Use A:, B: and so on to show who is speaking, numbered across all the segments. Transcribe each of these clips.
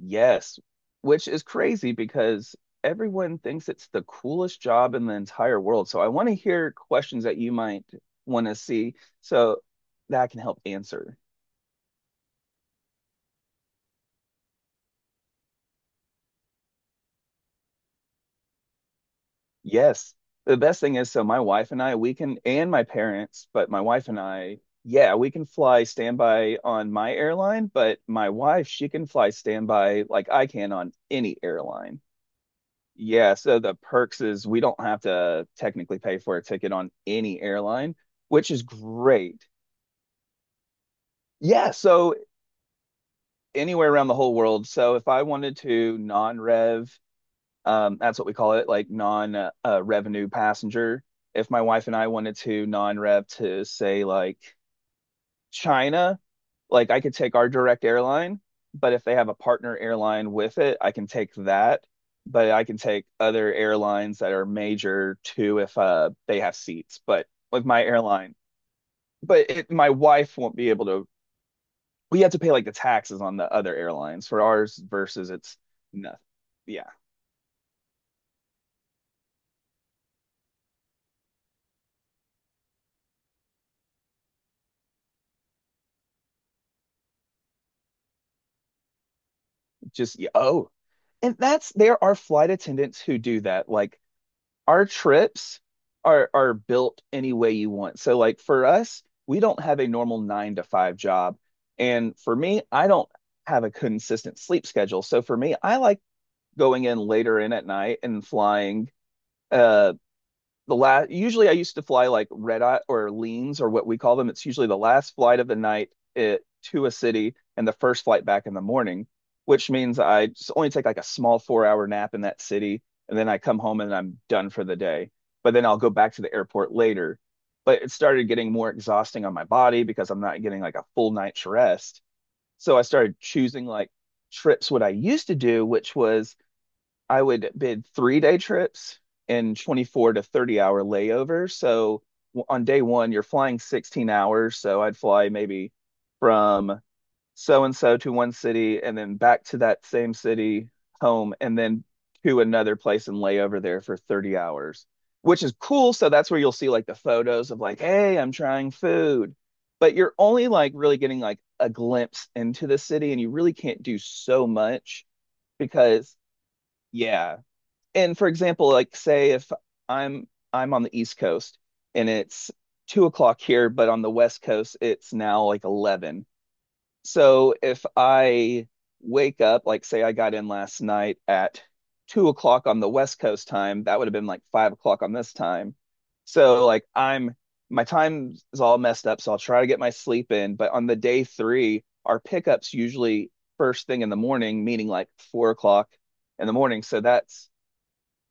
A: Yes, which is crazy because everyone thinks it's the coolest job in the entire world. So I want to hear questions that you might want to see so that I can help answer. Yes. The best thing is, so my wife and I, we can, and my parents, but my wife and I, yeah, we can fly standby on my airline, but my wife, she can fly standby like I can on any airline. Yeah, so the perks is we don't have to technically pay for a ticket on any airline, which is great. Yeah, so anywhere around the whole world. So if I wanted to non-rev, that's what we call it, like non revenue passenger. If my wife and I wanted to non-rev to say like China, like I could take our direct airline, but if they have a partner airline with it, I can take that. But I can take other airlines that are major too if they have seats. But with my airline, but it, my wife won't be able to. We have to pay like the taxes on the other airlines for ours versus it's nothing. Yeah, just yeah. Oh, and that's there are flight attendants who do that. Like our trips are built any way you want. So like for us, we don't have a normal 9 to 5 job. And for me, I don't have a consistent sleep schedule. So for me, I like going in later in at night and flying uh the last usually I used to fly like red eye or leans or what we call them. It's usually the last flight of the night to a city and the first flight back in the morning, which means I just only take like a small 4-hour nap in that city and then I come home and I'm done for the day. But then I'll go back to the airport later. But it started getting more exhausting on my body because I'm not getting like a full night's rest. So I started choosing like trips what I used to do, which was I would bid 3-day trips and 24 to 30 hour layovers. So on day one, you're flying 16 hours. So I'd fly maybe from so and so to one city and then back to that same city home and then to another place and lay over there for 30 hours, which is cool. So that's where you'll see like the photos of like, hey, I'm trying food. But you're only like really getting like a glimpse into the city and you really can't do so much because. Yeah, and for example, like say if I'm I'm on the East Coast and it's 2 o'clock here, but on the West Coast it's now like 11. So if I wake up, like say I got in last night at 2 o'clock on the West Coast time, that would have been like 5 o'clock on this time. So like I'm my time is all messed up, so I'll try to get my sleep in. But on the day three, our pickups usually first thing in the morning, meaning like 4 o'clock in the morning. So that's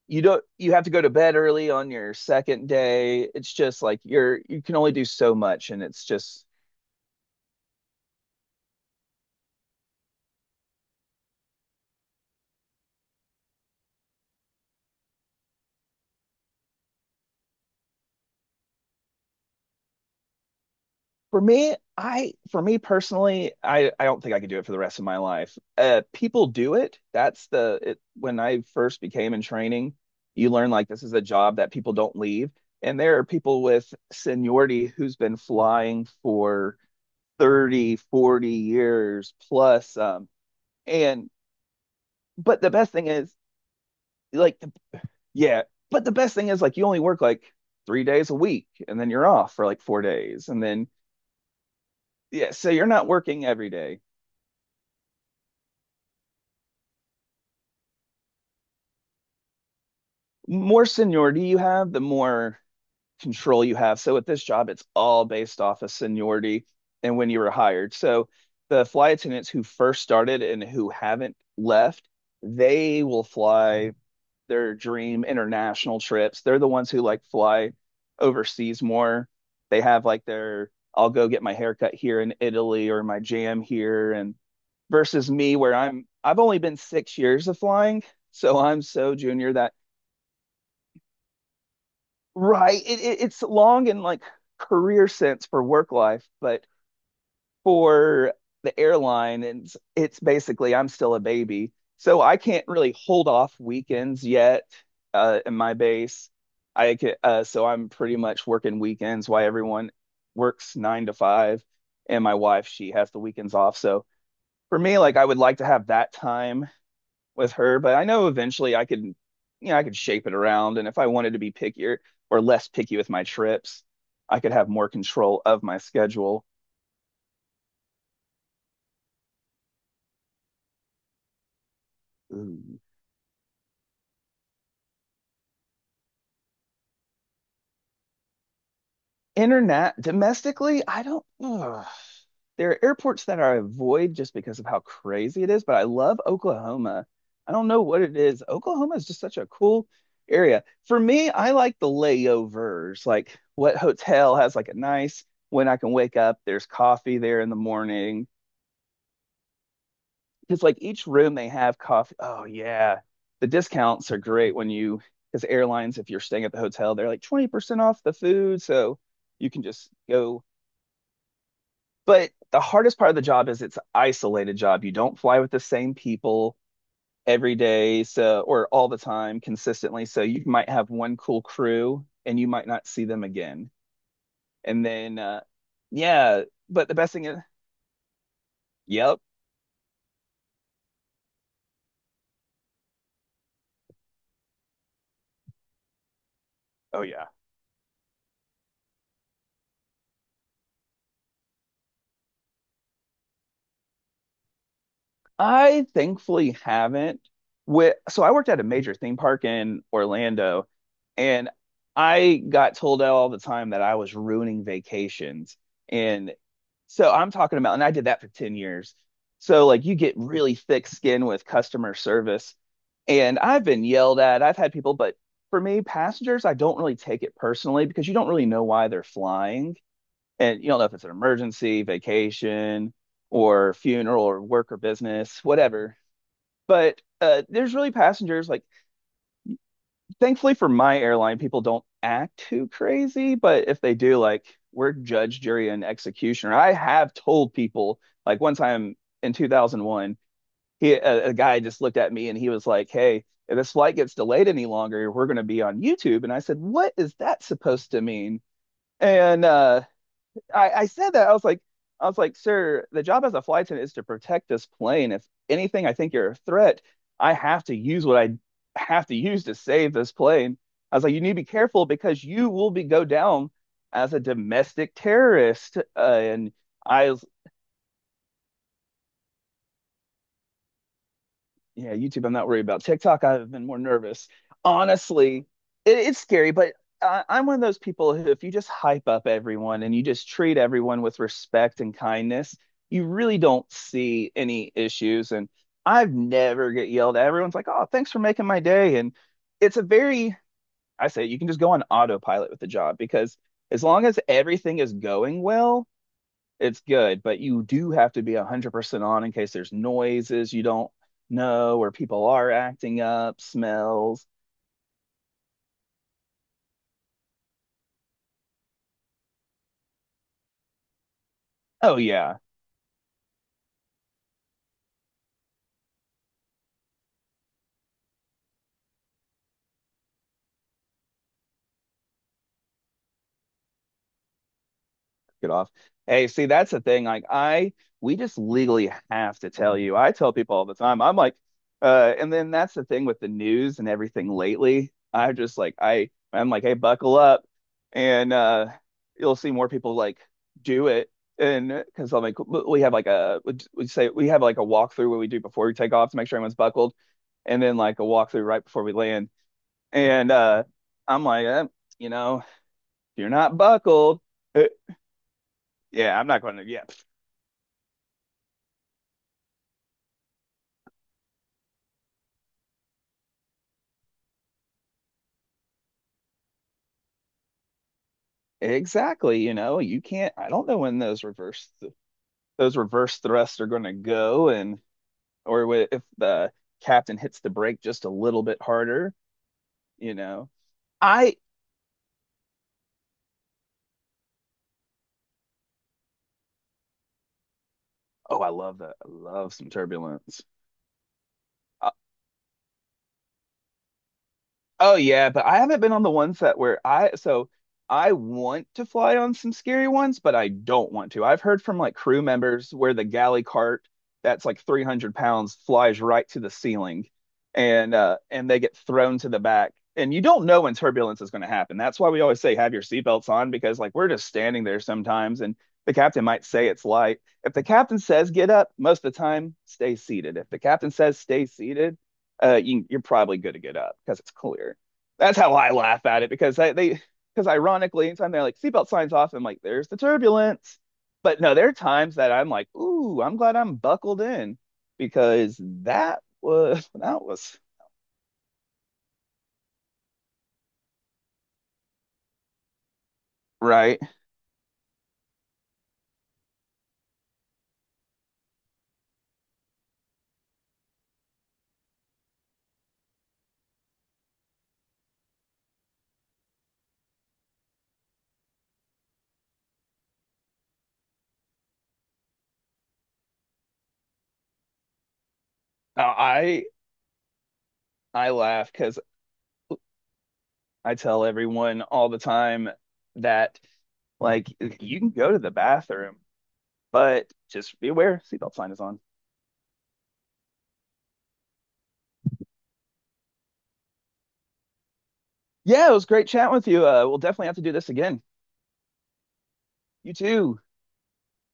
A: you don't you have to go to bed early on your second day. It's just like you can only do so much and it's just For me personally, I don't think I could do it for the rest of my life. People do it. That's when I first became in training, you learn like this is a job that people don't leave. And there are people with seniority who's been flying for 30, 40 years plus and but the best thing is like yeah. But the best thing is like you only work like 3 days a week and then you're off for like 4 days. And then, yeah, so you're not working every day. More seniority you have, the more control you have. So at this job, it's all based off of seniority and when you were hired. So the flight attendants who first started and who haven't left, they will fly their dream international trips. They're the ones who like fly overseas more. They have like their I'll go get my haircut here in Italy or my jam here and versus me where I've only been 6 years of flying, so I'm so junior that. Right. It's long in like career sense for work life, but for the airline and it's basically I'm still a baby. So I can't really hold off weekends yet in my base. I can, so I'm pretty much working weekends while everyone works 9 to 5. And my wife, she has the weekends off. So for me, like I would like to have that time with her, but I know eventually I could shape it around. And if I wanted to be pickier or less picky with my trips, I could have more control of my schedule. Internet domestically, I don't. Ugh. There are airports that I avoid just because of how crazy it is, but I love Oklahoma. I don't know what it is. Oklahoma is just such a cool area. For me, I like the layovers, like what hotel has like a nice when I can wake up, there's coffee there in the morning. Because like each room they have coffee. Oh yeah. The discounts are great when you, because airlines, if you're staying at the hotel, they're like 20% off the food. So you can just go. But the hardest part of the job is it's an isolated job. You don't fly with the same people every day, so or all the time consistently. So you might have one cool crew and you might not see them again. And then yeah, but the best thing is, yep. Oh yeah. I thankfully haven't. With, so I worked at a major theme park in Orlando. And I got told all the time that I was ruining vacations. And so I'm talking about, and I did that for 10 years. So, like, you get really thick skin with customer service. And I've been yelled at. I've had people, but for me, passengers, I don't really take it personally because you don't really know why they're flying. And you don't know if it's an emergency, vacation, or funeral, or work or business, whatever. But there's really passengers like thankfully for my airline, people don't act too crazy, but if they do, like we're judge, jury, and executioner. I have told people, like one time in 2001, a guy just looked at me and he was like, "Hey, if this flight gets delayed any longer, we're going to be on YouTube." And I said, "What is that supposed to mean?" And I said that. I was like, sir, the job as a flight attendant is to protect this plane. If anything, I think you're a threat. I have to use what I have to use to save this plane. I was like, you need to be careful because you will be go down as a domestic terrorist. And I was yeah, YouTube, I'm not worried about. TikTok, I've been more nervous. Honestly, it's scary, but I'm one of those people who, if you just hype up everyone and you just treat everyone with respect and kindness, you really don't see any issues. And I've never get yelled at. Everyone's like, "Oh, thanks for making my day." And it's a very, I say, you can just go on autopilot with the job because as long as everything is going well, it's good, but you do have to be 100% on in case there's noises you don't know or people are acting up, smells. Oh, yeah. Get off. Hey, see, that's the thing. Like, we just legally have to tell you. I tell people all the time. I'm like, and then that's the thing with the news and everything lately. I just like, I'm like, hey, buckle up, and you'll see more people like do it. And because I'm like, we say we have like a walkthrough what we do before we take off to make sure everyone's buckled, and then like a walkthrough right before we land. And I'm like, if you're not buckled, eh, yeah, I'm not going to. Yeah, exactly, you can't I don't know when those reverse thrusts are going to go and or if the captain hits the brake just a little bit harder, you know. I Oh, I love that. I love some turbulence. Oh yeah, but I haven't been on the ones that where I, so I want to fly on some scary ones, but I don't want to. I've heard from like crew members where the galley cart that's like 300 pounds flies right to the ceiling and they get thrown to the back. And you don't know when turbulence is going to happen. That's why we always say have your seatbelts on because like we're just standing there sometimes and the captain might say it's light. If the captain says get up, most of the time stay seated. If the captain says stay seated, you're probably good to get up because it's clear. That's how I laugh at it because they, because ironically, anytime they're like seatbelt signs off, I'm like, there's the turbulence. But no, there are times that I'm like, ooh, I'm glad I'm buckled in because that was right. Now, I laugh because I tell everyone all the time that like you can go to the bathroom, but just be aware seatbelt sign is on. Yeah, it was great chatting with you. We'll definitely have to do this again. You too.